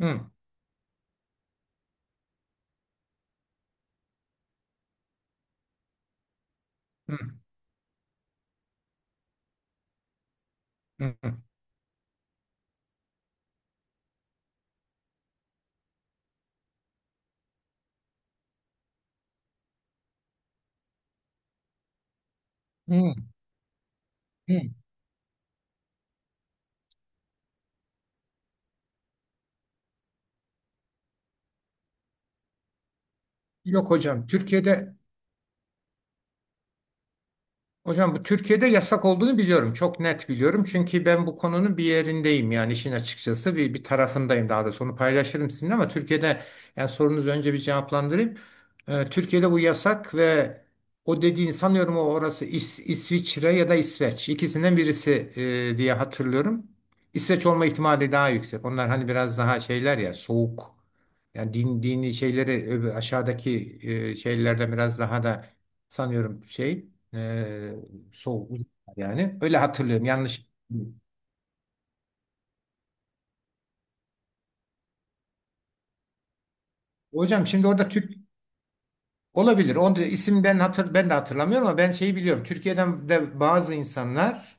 Hı, hı, hı, hı, hı. Yok hocam. Hocam, bu Türkiye'de yasak olduğunu biliyorum. Çok net biliyorum. Çünkü ben bu konunun bir yerindeyim, yani işin açıkçası bir tarafındayım, daha doğrusu. Onu paylaşırım sizinle. Ama yani sorunuzu önce bir cevaplandırayım. Türkiye'de bu yasak ve o dediğin sanıyorum o, orası İsviçre ya da İsveç, ikisinden birisi diye hatırlıyorum. İsveç olma ihtimali daha yüksek. Onlar hani biraz daha şeyler, ya soğuk. Yani din, dini şeyleri aşağıdaki şeylerden biraz daha da sanıyorum şey. Ee, soğuk yani. Öyle hatırlıyorum. Yanlış. Hocam şimdi orada Türk olabilir. O da isim, ben de hatırlamıyorum, ama ben şeyi biliyorum. Türkiye'den de bazı insanlar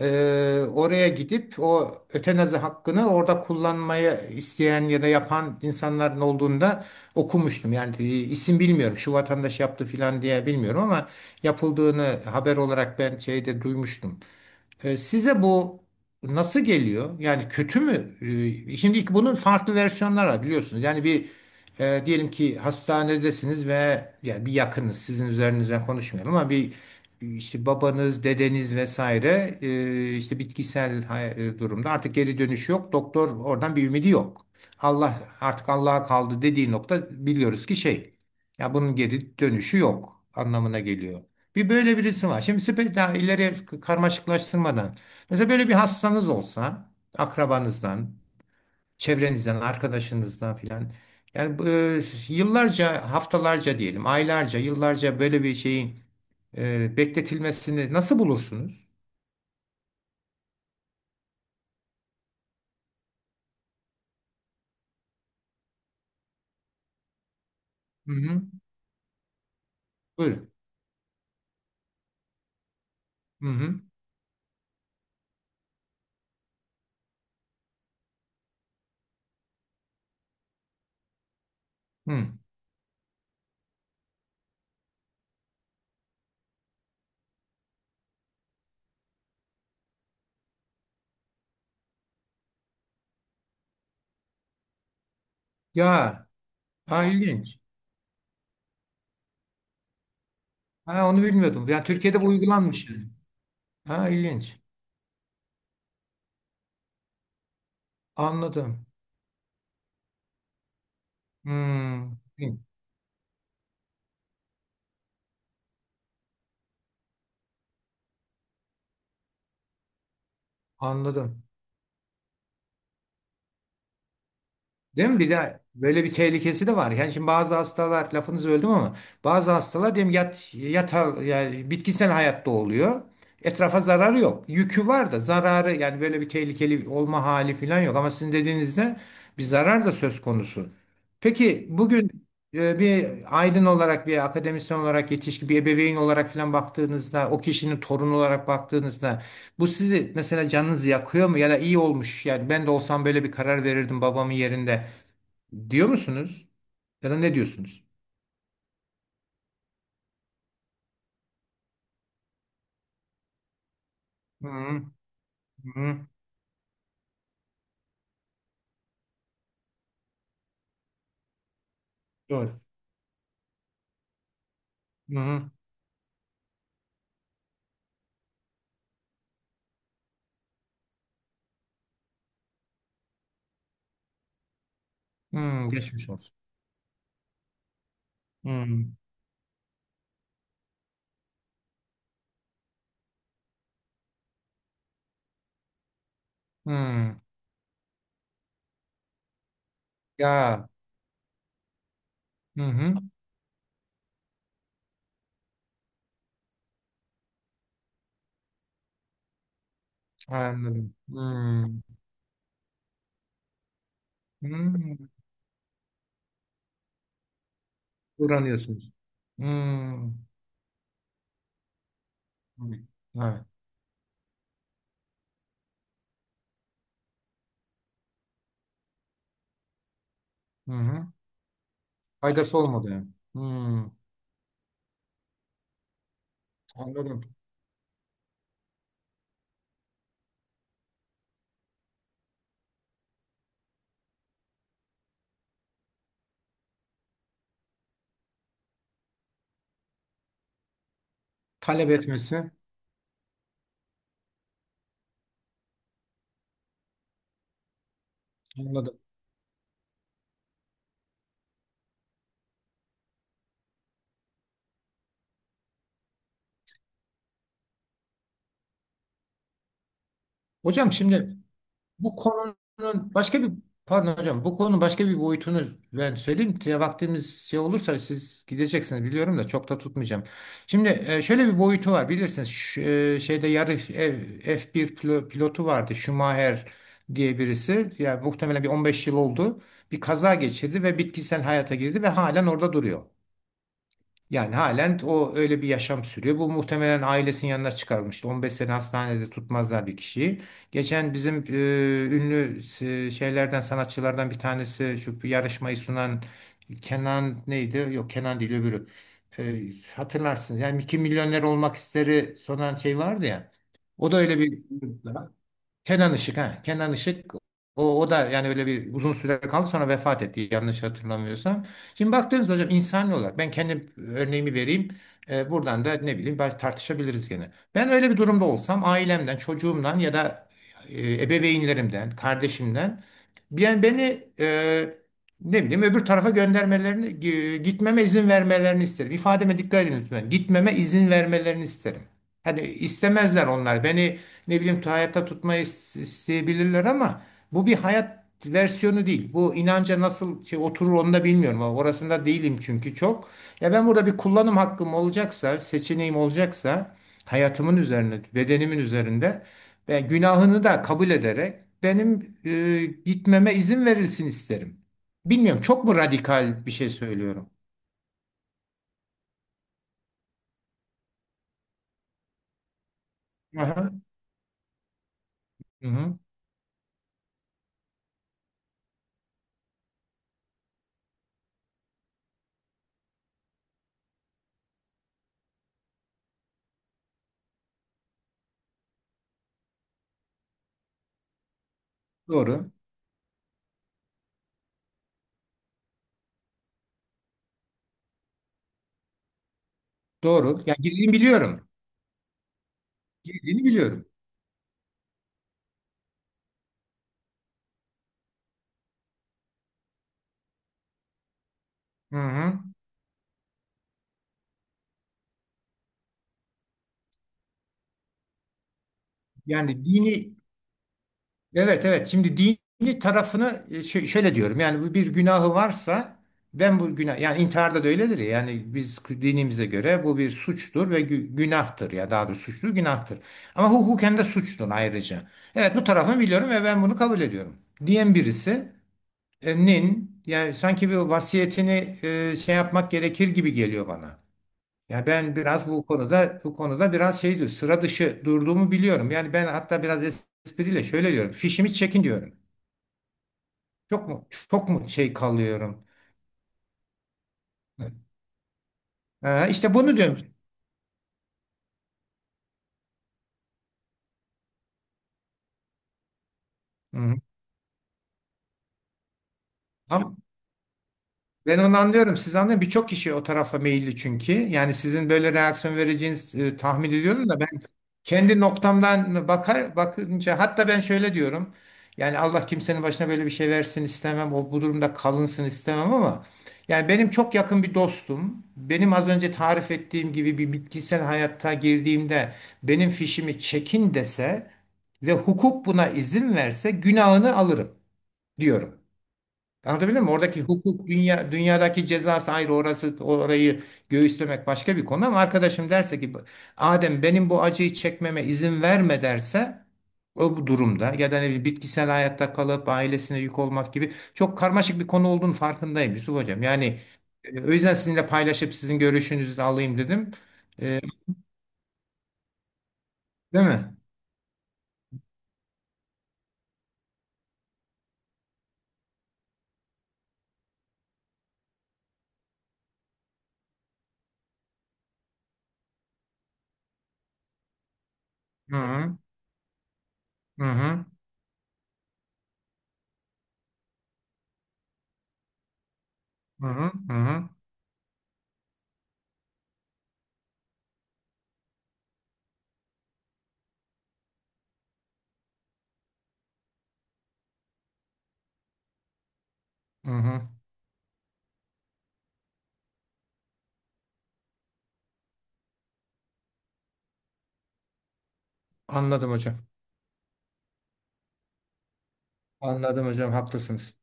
oraya gidip o ötenazi hakkını orada kullanmayı isteyen ya da yapan insanların olduğunda okumuştum. Yani isim bilmiyorum. Şu vatandaş yaptı filan diye bilmiyorum, ama yapıldığını haber olarak ben şeyde duymuştum. Size bu nasıl geliyor? Yani kötü mü? Şimdi ilk bunun farklı versiyonları var, biliyorsunuz. Yani bir diyelim ki hastanedesiniz ve yani bir yakınız, sizin üzerinizden konuşmayalım, ama bir işte babanız, dedeniz vesaire işte bitkisel durumda artık geri dönüş yok. Doktor oradan bir ümidi yok. Allah artık, Allah'a kaldı dediği nokta biliyoruz ki şey. Ya bunun geri dönüşü yok anlamına geliyor. Bir böyle birisi var. Şimdi daha ileri karmaşıklaştırmadan, mesela böyle bir hastanız olsa akrabanızdan, çevrenizden, arkadaşınızdan filan. Yani bu, yıllarca, haftalarca diyelim, aylarca, yıllarca böyle bir şeyin bekletilmesini nasıl bulursunuz? Hı hı. Buyurun. Hı hı. Hı. Ya, ha, ilginç. Ha, onu bilmiyordum. Yani Türkiye'de bu uygulanmış, yani. Ha, ilginç. Anladım. Hmm. Anladım. Değil mi? Bir de böyle bir tehlikesi de var. Yani şimdi bazı hastalar lafınızı öldüm, ama bazı hastalar diyelim yat, yata, yani bitkisel hayatta oluyor. Etrafa zararı yok. Yükü var da zararı, yani böyle bir tehlikeli olma hali falan yok. Ama sizin dediğinizde bir zarar da söz konusu. Peki bugün bir aydın olarak, bir akademisyen olarak, yetişkin bir ebeveyn olarak falan baktığınızda, o kişinin torunu olarak baktığınızda bu sizi mesela canınızı yakıyor mu? Ya da iyi olmuş, yani ben de olsam böyle bir karar verirdim babamın yerinde, diyor musunuz? Ya da ne diyorsunuz? Hı hı. Doğru. Hı hı. Hı, geçmiş olsun. Hı hı. Ya. Hı hı. Anladım. Hı hı. Uğranıyorsunuz. Hı hı. Evet. Hı hı. Faydası olmadı yani. Hı. Anladım. Talep etmesi. Anladım. Hocam şimdi Bu konunun başka bir pardon hocam, bu konunun başka bir boyutunu ben söyleyeyim. Ya vaktimiz şey olursa siz gideceksiniz biliyorum, da çok da tutmayacağım. Şimdi şöyle bir boyutu var, bilirsiniz. Şu, şeyde yarı F1 pilotu vardı, Schumacher diye birisi. Yani muhtemelen bir 15 yıl oldu. Bir kaza geçirdi ve bitkisel hayata girdi ve halen orada duruyor. Yani halen o, öyle bir yaşam sürüyor. Bu muhtemelen ailesinin yanına çıkarmıştı. 15 sene hastanede tutmazlar bir kişiyi. Geçen bizim ünlü şeylerden, sanatçılardan bir tanesi, şu bir yarışmayı sunan, Kenan neydi? Yok, Kenan değil öbürü. E, Hatırlarsınız. Yani 2 milyoner olmak isteri sunan şey vardı ya. O da öyle bir Kenan Işık, ha. Kenan Işık, o, o da yani öyle bir uzun süre kaldı, sonra vefat etti, yanlış hatırlamıyorsam. Şimdi baktığınız hocam, insani olarak ben kendi örneğimi vereyim. Buradan da ne bileyim, belki tartışabiliriz gene. Ben öyle bir durumda olsam ailemden, çocuğumdan ya da ebeveynlerimden, kardeşimden, yani beni ne bileyim öbür tarafa göndermelerini, gitmeme izin vermelerini isterim. İfademe dikkat edin lütfen. Gitmeme izin vermelerini isterim. Hani istemezler onlar. Beni ne bileyim hayatta tutmayı isteyebilirler, ama bu bir hayat versiyonu değil. Bu inanca nasıl şey oturur, onu da bilmiyorum. Orasında değilim çünkü çok. Ya ben burada bir kullanım hakkım olacaksa, seçeneğim olacaksa hayatımın üzerine, bedenimin üzerinde ve günahını da kabul ederek benim gitmeme izin verilsin isterim. Bilmiyorum, çok mu radikal bir şey söylüyorum? Aha. Hı hı. Doğru. Doğru. Yani girdiğini biliyorum. Girdiğini biliyorum. Hı hı. Yani dini Evet, evet. Şimdi dini tarafını şöyle diyorum. Yani bu bir günahı varsa ben bu günah, yani intiharda da öyledir ya. Yani biz dinimize göre bu bir suçtur ve günahtır, ya daha doğrusu suçtur, günahtır. Ama hukuken de suçtur ayrıca. Evet, bu tarafını biliyorum ve ben bunu kabul ediyorum, diyen birisi nin yani sanki bir vasiyetini şey yapmak gerekir gibi geliyor bana. Yani ben biraz bu konuda biraz şey diyor, sıra dışı durduğumu biliyorum. Yani ben hatta biraz espriyle şöyle diyorum, fişimi çekin diyorum. Çok mu şey kalıyorum? Ha, işte bunu diyorum. Hı. Ama, ben onu anlıyorum. Siz anlayın, birçok kişi o tarafa meyilli çünkü. Yani sizin böyle reaksiyon vereceğiniz tahmin ediyorum da, ben kendi noktamdan bakar bakınca hatta ben şöyle diyorum. Yani Allah kimsenin başına böyle bir şey versin istemem. O, bu durumda kalınsın istemem, ama yani benim çok yakın bir dostum, benim az önce tarif ettiğim gibi bir bitkisel hayatta girdiğimde benim fişimi çekin dese ve hukuk buna izin verse, günahını alırım diyorum. Anlatabiliyor muyum? Oradaki hukuk, dünyadaki cezası ayrı, orası, orayı göğüslemek başka bir konu. Ama arkadaşım derse ki Adem, benim bu acıyı çekmeme izin verme derse, o, bu durumda ya da ne bileyim, bitkisel hayatta kalıp ailesine yük olmak gibi, çok karmaşık bir konu olduğunu farkındayım Yusuf Hocam. Yani o yüzden sizinle paylaşıp sizin görüşünüzü de alayım dedim. E, Değil mi? Hı hı, hı, hı, hı, hı, hı. Hı. Hı hı. Anladım hocam. Anladım hocam, haklısınız.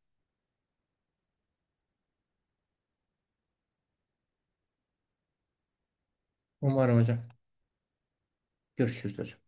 Umarım hocam. Görüşürüz hocam.